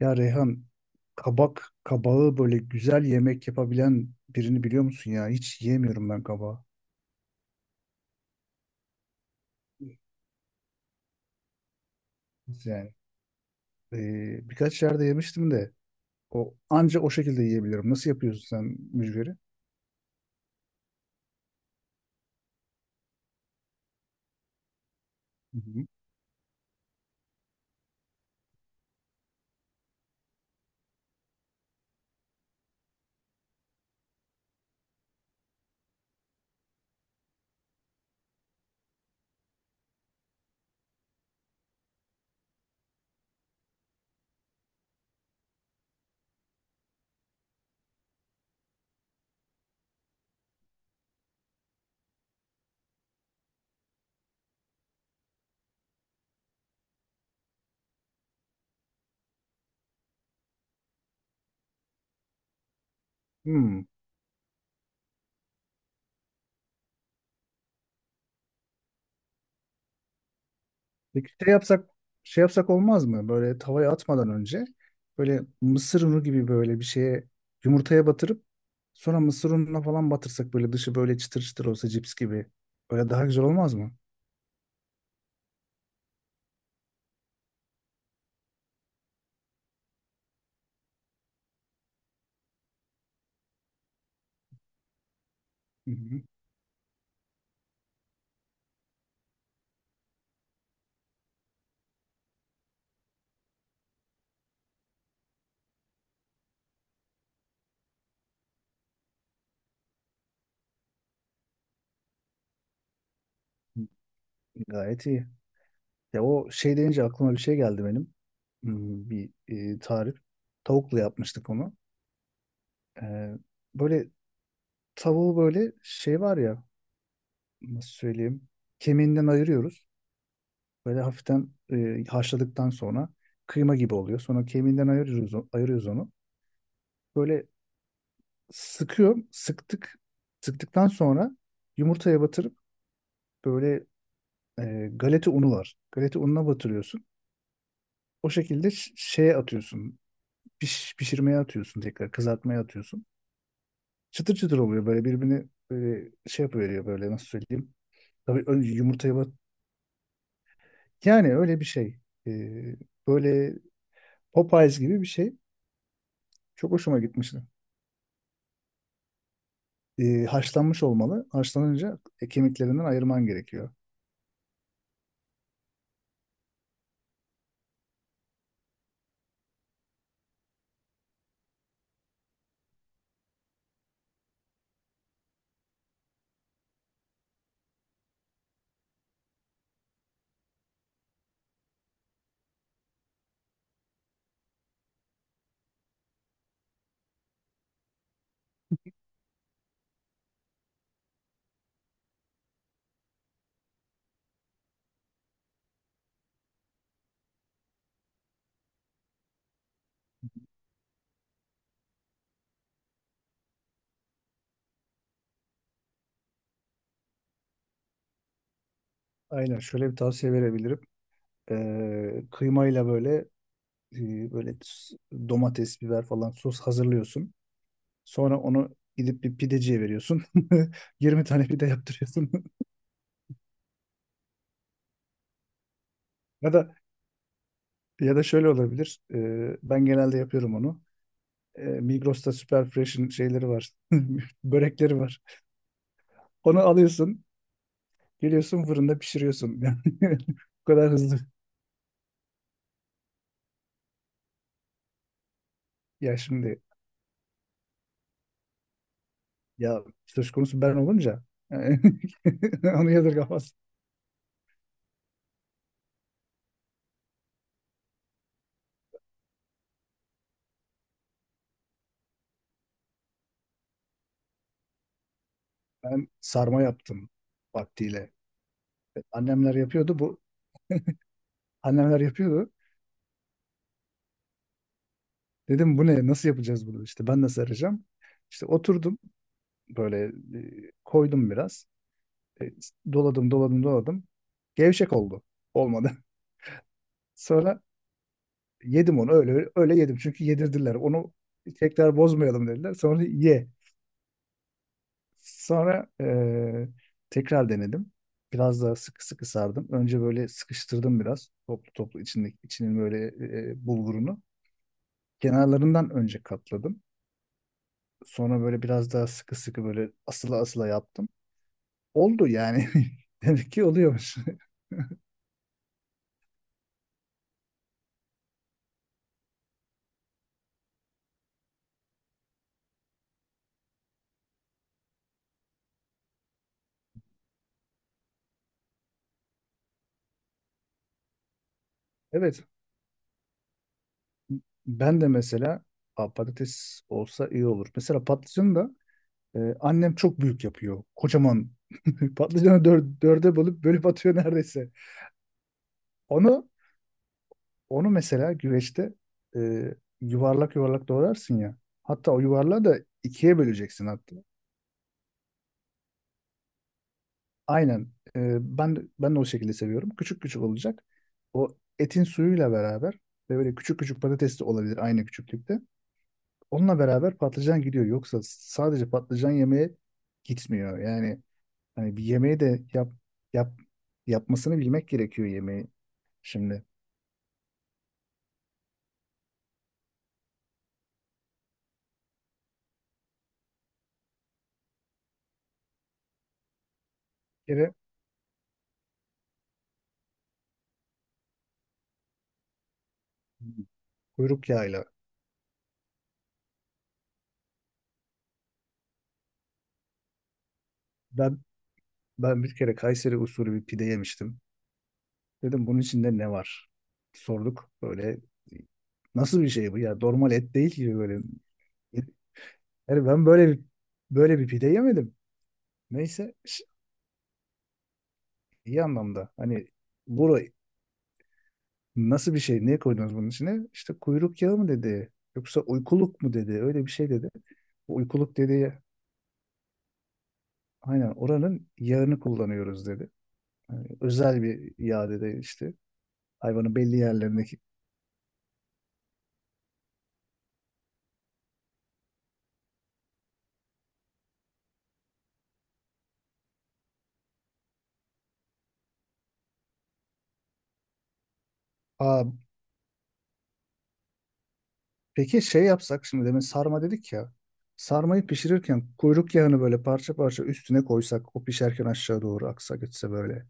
Ya Reyhan, kabağı böyle güzel yemek yapabilen birini biliyor musun ya? Hiç yiyemiyorum ben kabağı. Yani birkaç yerde yemiştim de o anca o şekilde yiyebiliyorum. Nasıl yapıyorsun sen mücveri? Hı hı. Hmm. Peki şey yapsak olmaz mı? Böyle tavaya atmadan önce böyle mısır unu gibi böyle bir şeye yumurtaya batırıp sonra mısır ununa falan batırsak böyle dışı böyle çıtır çıtır olsa cips gibi. Böyle daha güzel olmaz mı? Hı hı. Gayet iyi. Ya, o şey deyince aklıma bir şey geldi benim. Bir tarif. Tavukla yapmıştık onu. Ee, böyle tavuğu, böyle şey var ya, nasıl söyleyeyim. Kemiğinden ayırıyoruz. Böyle hafiften haşladıktan sonra kıyma gibi oluyor. Sonra kemiğinden ayırıyoruz, ayırıyoruz onu. Böyle sıkıyorum. Sıktık. Sıktıktan sonra yumurtaya batırıp böyle galeta unu var. Galeta ununa batırıyorsun. O şekilde şeye atıyorsun. Pişirmeye atıyorsun, tekrar kızartmaya atıyorsun. Çıtır çıtır oluyor böyle, birbirini böyle şey yapıveriyor böyle, nasıl söyleyeyim. Tabii önce yumurtaya bat. Yani öyle bir şey. Ee, böyle Popeyes gibi bir şey. Çok hoşuma gitmişti. Haşlanmış olmalı. Haşlanınca kemiklerinden ayırman gerekiyor. Aynen, şöyle bir tavsiye verebilirim. Kıymayla böyle, böyle domates, biber falan sos hazırlıyorsun. Sonra onu gidip bir pideciye veriyorsun. 20 tane pide yaptırıyorsun. Ya da Ya da şöyle olabilir. Ben genelde yapıyorum onu. Migros'ta Super Fresh'in şeyleri var. Börekleri var. Onu alıyorsun. Geliyorsun, fırında pişiriyorsun. Yani bu kadar hızlı. Ya şimdi, ya söz konusu ben olunca yani onu yadırgamaz. Ben sarma yaptım vaktiyle. Annemler yapıyordu. Bu annemler yapıyordu. Dedim bu ne? Nasıl yapacağız bunu? İşte ben nasıl arayacağım? İşte oturdum böyle, koydum biraz. E, doladım doladım doladım. Gevşek oldu. Olmadı. Sonra yedim onu, öyle öyle yedim. Çünkü yedirdiler. Onu tekrar bozmayalım dediler. Sonra ye. Sonra tekrar denedim. Biraz daha sıkı sıkı sardım. Önce böyle sıkıştırdım biraz. Toplu toplu içinin böyle bulgurunu. Kenarlarından önce katladım. Sonra böyle biraz daha sıkı sıkı, böyle asıla asıla yaptım. Oldu yani. Demek ki oluyormuş. Evet. Ben de mesela, "Aa, patates olsa iyi olur." Mesela patlıcanı da annem çok büyük yapıyor. Kocaman patlıcanı dörde bölüp bölüp atıyor neredeyse. Onu onu mesela güveçte e, yuvarlak yuvarlak doğrarsın ya. Hatta o yuvarlağı da ikiye böleceksin hatta. Aynen. Ben de o şekilde seviyorum. Küçük küçük olacak. O, etin suyuyla beraber ve böyle küçük küçük patates de olabilir, aynı küçüklükte. Onunla beraber patlıcan gidiyor. Yoksa sadece patlıcan yemeye gitmiyor. Yani hani bir yemeği de yap, yapmasını bilmek gerekiyor yemeği. Şimdi bir kere kuyruk yağıyla, ben ben bir kere Kayseri usulü bir pide yemiştim. Dedim, bunun içinde ne var? Sorduk böyle, nasıl bir şey bu ya, normal et değil ki böyle. Yani ben böyle bir pide yemedim. Neyse iyi anlamda. Hani bura nasıl bir şey? Ne koydunuz bunun içine? İşte kuyruk yağı mı dedi, yoksa uykuluk mu dedi? Öyle bir şey dedi. Bu, uykuluk dedi. Aynen oranın yağını kullanıyoruz dedi. Yani özel bir yağ dedi işte. Hayvanın belli yerlerindeki. Aa, peki şey yapsak, şimdi demin sarma dedik ya. Sarmayı pişirirken kuyruk yağını böyle parça parça üstüne koysak, o pişerken aşağı doğru aksa gitse böyle.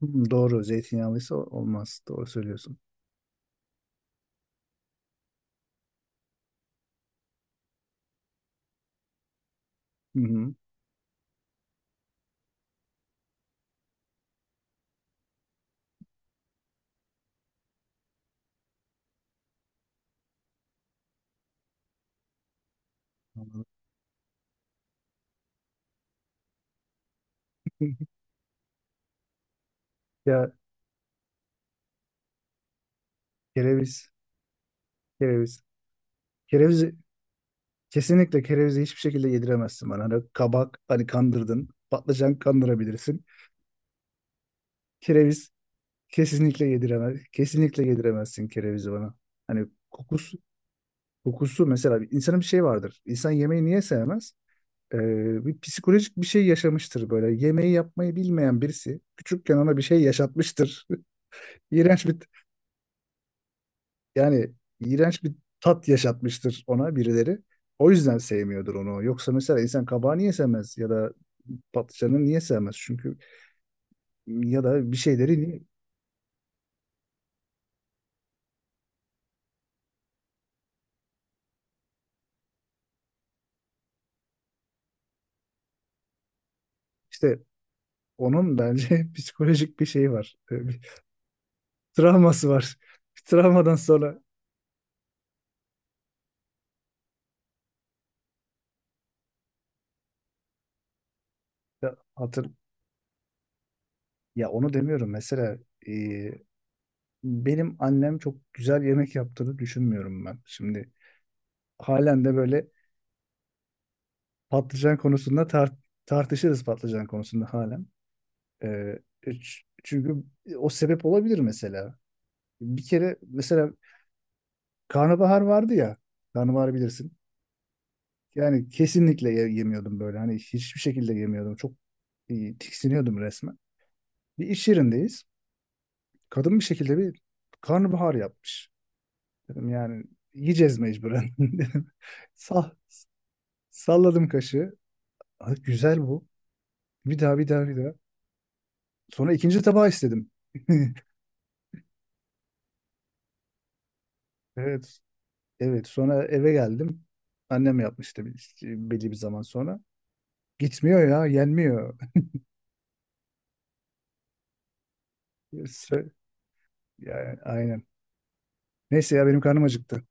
Doğru, zeytinyağlıysa olmaz. Doğru söylüyorsun. Hı hı. Anladım. Ya kereviz, kereviz. Kereviz. Kesinlikle kerevizi hiçbir şekilde yediremezsin bana. Hani kabak, hani kandırdın. Patlıcan kandırabilirsin. Kereviz kesinlikle yediremez. Kesinlikle yediremezsin kerevizi bana. Hani kokusu kokusu mesela, bir insanın bir şey vardır. İnsan yemeği niye sevmez? Bir psikolojik bir şey yaşamıştır böyle. Yemeği yapmayı bilmeyen birisi küçükken ona bir şey yaşatmıştır. İğrenç bir Yani iğrenç bir tat yaşatmıştır ona birileri. O yüzden sevmiyordur onu. Yoksa mesela insan kabağı niye sevmez ya da patlıcanı niye sevmez? Çünkü, ya da bir şeyleri niye? İşte onun bence psikolojik bir şeyi var. Bir travması var. Bir travmadan sonra, ya, ya onu demiyorum. Mesela e, benim annem çok güzel yemek yaptığını düşünmüyorum ben. Şimdi halen de böyle patlıcan konusunda tartışırız patlıcan konusunda halen. Ee, Çünkü o sebep olabilir mesela. Bir kere mesela karnabahar vardı ya. Karnabahar bilirsin. Yani kesinlikle yemiyordum böyle. Hani hiçbir şekilde yemiyordum. Çok tiksiniyordum resmen. Bir iş yerindeyiz. Kadın bir şekilde bir karnabahar yapmış. Dedim yani yiyeceğiz mecburen dedim. Sal, salladım kaşığı. "Ay, güzel bu. Bir daha, bir daha, bir daha." Sonra ikinci tabağı istedim. Evet. Evet, sonra eve geldim. Annem yapmıştı belli bir zaman sonra. Gitmiyor ya, yenmiyor. Sö- Yani, aynen. Neyse ya, benim karnım acıktı.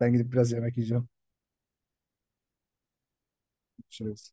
Ben gidip biraz yemek yiyeceğim. Görüşürüz.